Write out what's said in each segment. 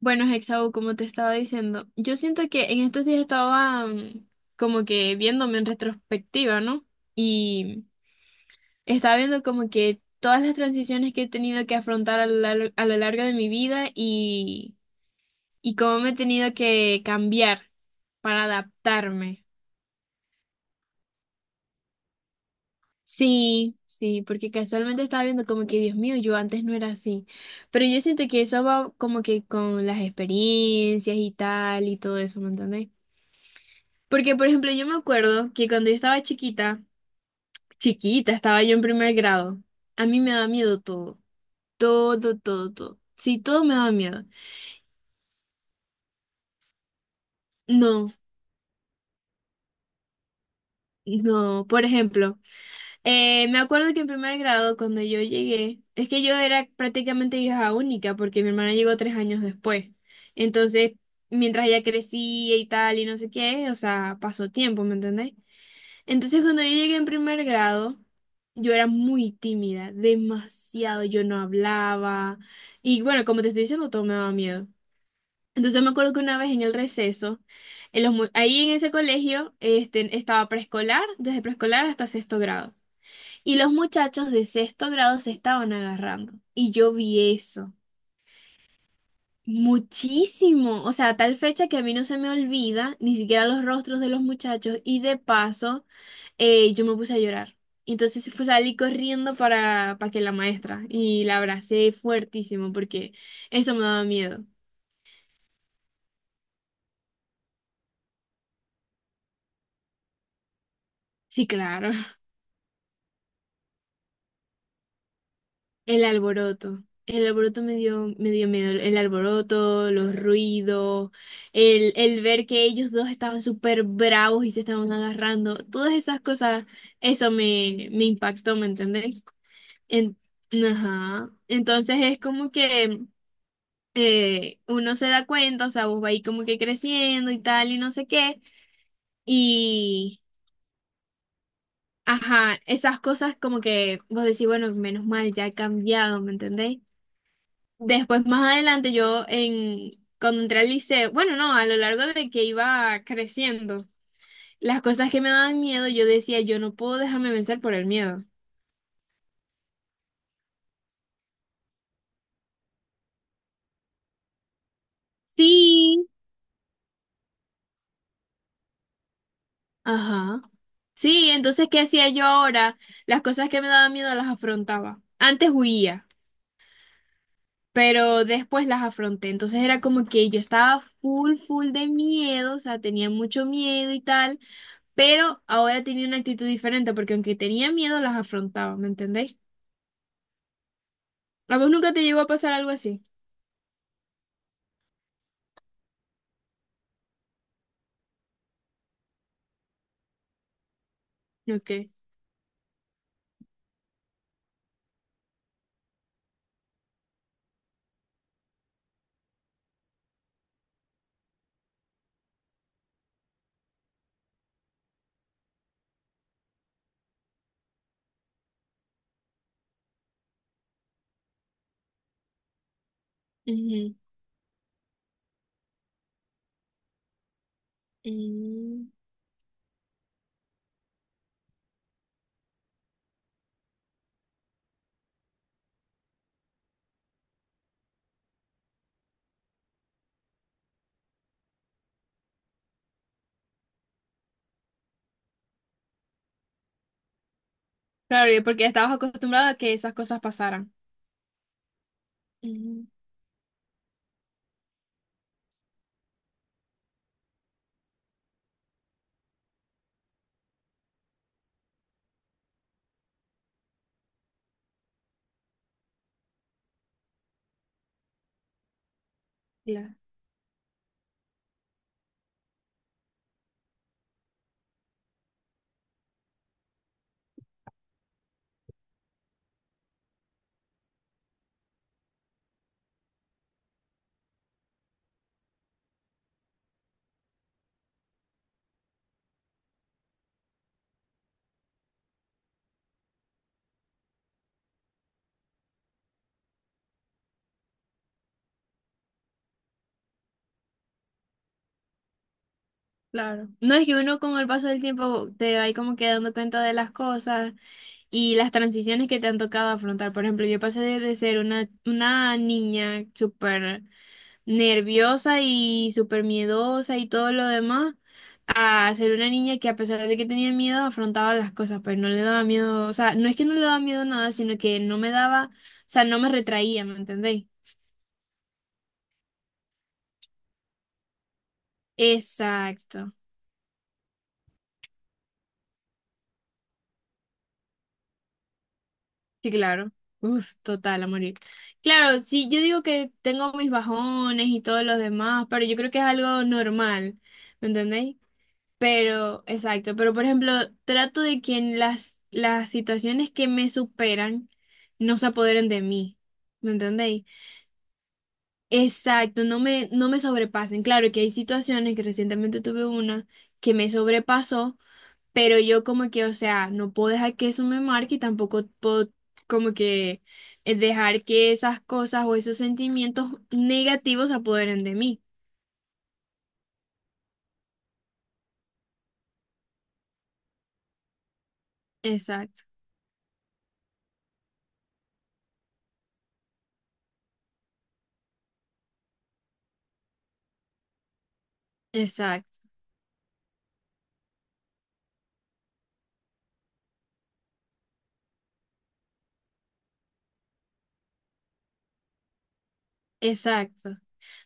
Bueno, Hexau, como te estaba diciendo, yo siento que en estos días estaba como que viéndome en retrospectiva, ¿no? Y estaba viendo como que todas las transiciones que he tenido que afrontar a lo largo de mi vida y cómo me he tenido que cambiar para adaptarme. Sí, sí, porque casualmente estaba viendo como que, Dios mío, yo antes no era así. Pero yo siento que eso va como que con las experiencias y tal y todo eso, ¿me entendés? Porque, por ejemplo, yo me acuerdo que cuando yo estaba chiquita, chiquita, estaba yo en primer grado, a mí me daba miedo todo, todo, todo, todo. Sí, todo me daba miedo. No, no, por ejemplo, me acuerdo que en primer grado, cuando yo llegué, es que yo era prácticamente hija única, porque mi hermana llegó 3 años después. Entonces, mientras ella crecía y tal, y no sé qué, o sea, pasó tiempo, ¿me entendés? Entonces, cuando yo llegué en primer grado, yo era muy tímida, demasiado, yo no hablaba. Y bueno, como te estoy diciendo, todo me daba miedo. Entonces me acuerdo que una vez en el receso, ahí en ese colegio, este, estaba preescolar, desde preescolar hasta sexto grado. Y los muchachos de sexto grado se estaban agarrando. Y yo vi eso. Muchísimo. O sea, a tal fecha que a mí no se me olvida ni siquiera los rostros de los muchachos. Y de paso yo me puse a llorar. Entonces fue, salí corriendo para que la maestra y la abracé fuertísimo porque eso me daba miedo. Sí, claro. El alboroto. El alboroto me dio miedo. El alboroto, los ruidos, el ver que ellos dos estaban súper bravos y se estaban agarrando. Todas esas cosas, eso me, me impactó, ¿me entendés? En- ajá. Entonces es como que uno se da cuenta, o sea, vos va ahí como que creciendo y tal y no sé qué, y, ajá, esas cosas como que vos decís, bueno, menos mal, ya he cambiado, ¿me entendéis? Después, más adelante, cuando entré al liceo, bueno, no, a lo largo de que iba creciendo, las cosas que me daban miedo, yo decía, yo no puedo dejarme vencer por el miedo. Sí, ajá. Sí, entonces, ¿qué hacía yo ahora? Las cosas que me daban miedo las afrontaba. Antes huía. Pero después las afronté. Entonces era como que yo estaba full, full de miedo, o sea, tenía mucho miedo y tal, pero ahora tenía una actitud diferente porque aunque tenía miedo, las afrontaba, ¿me entendéis? ¿A vos nunca te llegó a pasar algo así? Ok. Ujú. Mm. Claro, y porque estabas acostumbrado a que esas cosas pasaran. Ujú. Claro. Claro. No es que uno con el paso del tiempo te va ahí como que dando cuenta de las cosas y las transiciones que te han tocado afrontar. Por ejemplo, yo pasé de ser una niña súper nerviosa y súper miedosa y todo lo demás, a ser una niña que a pesar de que tenía miedo, afrontaba las cosas, pues no le daba miedo, o sea, no es que no le daba miedo a nada, sino que no me daba, o sea, no me retraía, ¿me entendéis? Exacto, sí, claro. Uf, total, a morir. Claro, sí, yo digo que tengo mis bajones y todo lo demás, pero yo creo que es algo normal, ¿me entendéis? Pero, exacto, pero por ejemplo, trato de que en las situaciones que me superan no se apoderen de mí. ¿Me entendéis? Exacto, no me, no me sobrepasen. Claro que hay situaciones que recientemente tuve una que me sobrepasó, pero yo como que, o sea, no puedo dejar que eso me marque y tampoco puedo como que dejar que esas cosas o esos sentimientos negativos se apoderen de mí. Exacto, exacto, exacto.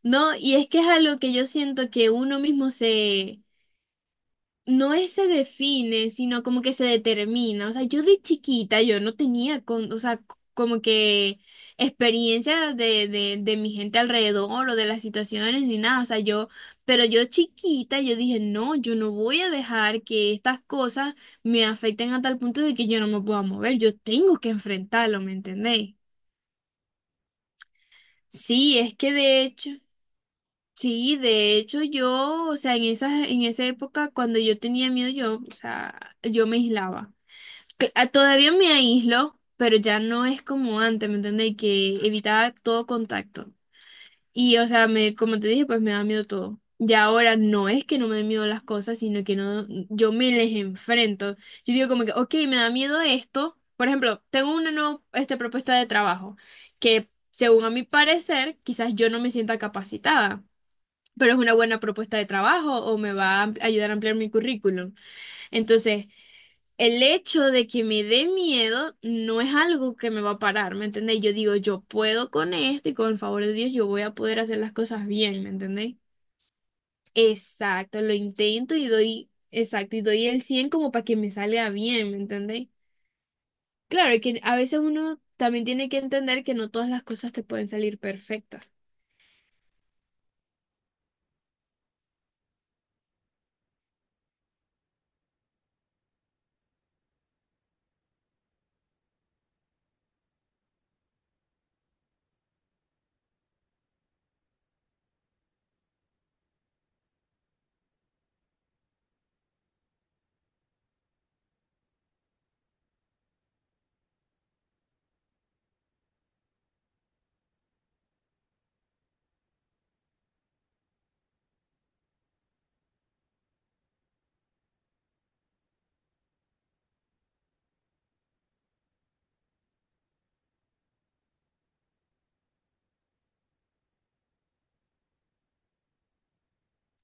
No, y es que es algo que yo siento que uno mismo no es se define, sino como que se determina. O sea, yo de chiquita, yo no tenía, con, o sea, c- como que experiencia de mi gente alrededor o de las situaciones ni nada. O sea, yo, pero yo chiquita, yo dije, no, yo no voy a dejar que estas cosas me afecten a tal punto de que yo no me pueda mover. Yo tengo que enfrentarlo, ¿me entendéis? Sí, es que de hecho... Sí, de hecho yo, o sea, en esa época cuando yo tenía miedo, yo, o sea, yo me aislaba. Que- ah, todavía me aíslo, pero ya no es como antes, ¿me entiendes? Que evitaba todo contacto. Y, o sea, me, como te dije, pues me da miedo todo. Y ahora no es que no me den miedo las cosas, sino que no, yo me les enfrento. Yo digo como que, ok, me da miedo esto. Por ejemplo, tengo una nueva, este, propuesta de trabajo que, según a mi parecer, quizás yo no me sienta capacitada, pero es una buena propuesta de trabajo o me va a am- ayudar a ampliar mi currículum. Entonces, el hecho de que me dé miedo no es algo que me va a parar, ¿me entendéis? Yo digo, yo puedo con esto y con el favor de Dios yo voy a poder hacer las cosas bien, ¿me entendéis? Exacto, lo intento y doy, exacto, y doy el 100 como para que me salga bien, ¿me entendéis? Claro, que a veces uno también tiene que entender que no todas las cosas te pueden salir perfectas.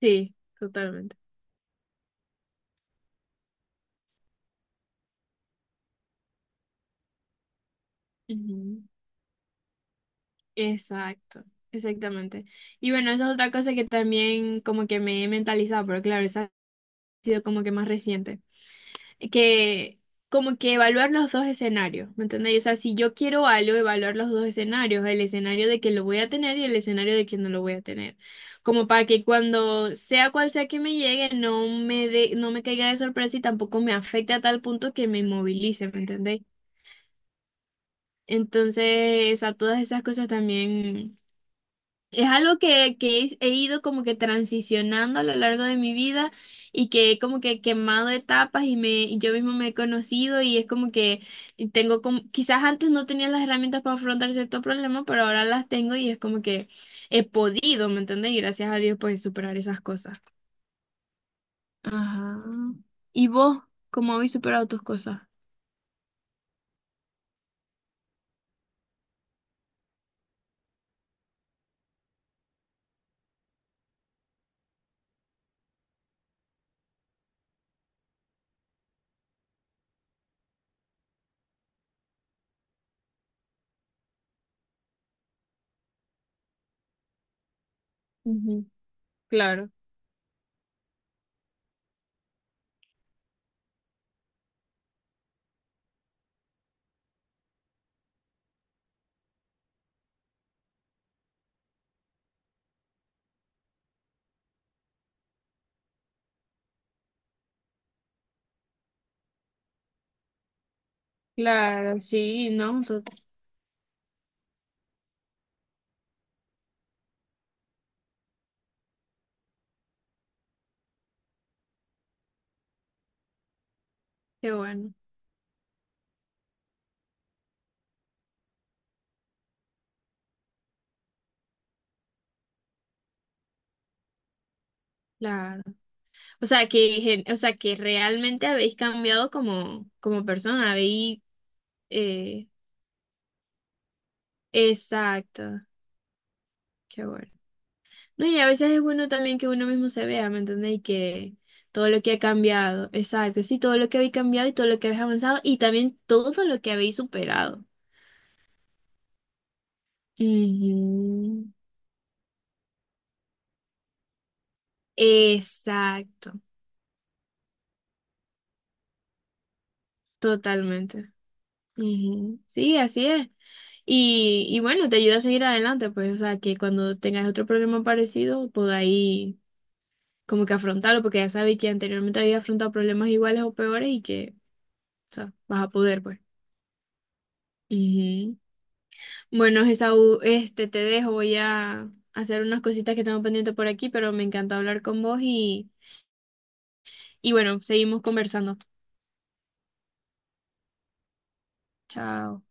Sí, totalmente. Ujú. Exacto, exactamente. Y bueno, esa es otra cosa que también como que me he mentalizado, pero claro, esa ha sido como que más reciente. Que como que evaluar los dos escenarios, ¿me entendéis? O sea, si yo quiero algo, evaluar los dos escenarios, el escenario de que lo voy a tener y el escenario de que no lo voy a tener. Como para que cuando sea cual sea que me llegue, no me dé- no me caiga de sorpresa y tampoco me afecte a tal punto que me inmovilice, ¿me entendéis? Entonces, a todas esas cosas también. Es algo que he ido como que transicionando a lo largo de mi vida y que he como que quemado etapas y yo mismo me he conocido y es como que tengo como, quizás antes no tenía las herramientas para afrontar cierto problema, pero ahora las tengo y es como que he podido, ¿me entiendes? Y gracias a Dios pues superar esas cosas. Ajá. ¿Y vos cómo habéis superado tus cosas? Ujú, claro, claro, sí, no, to- qué bueno, claro. O sea que, gen- o sea que realmente habéis cambiado como, como persona, habéis, eh, exacto, qué bueno. No, y a veces es bueno también que uno mismo se vea, ¿me entendéis? Y que todo lo que ha cambiado, exacto, sí, todo lo que habéis cambiado y todo lo que habéis avanzado y también todo lo que habéis superado. Ujú, exacto, totalmente. Ujú, sí, así es. Y bueno, te ayuda a seguir adelante, pues, o sea, que cuando tengáis otro problema parecido, podáis como que afrontarlo, porque ya sabes que anteriormente había afrontado problemas iguales o peores y que, o sea, vas a poder, pues. Ujú. Bueno, Esaú, este, te dejo, voy a hacer unas cositas que tengo pendiente por aquí, pero me encanta hablar con vos y bueno, seguimos conversando. Chao.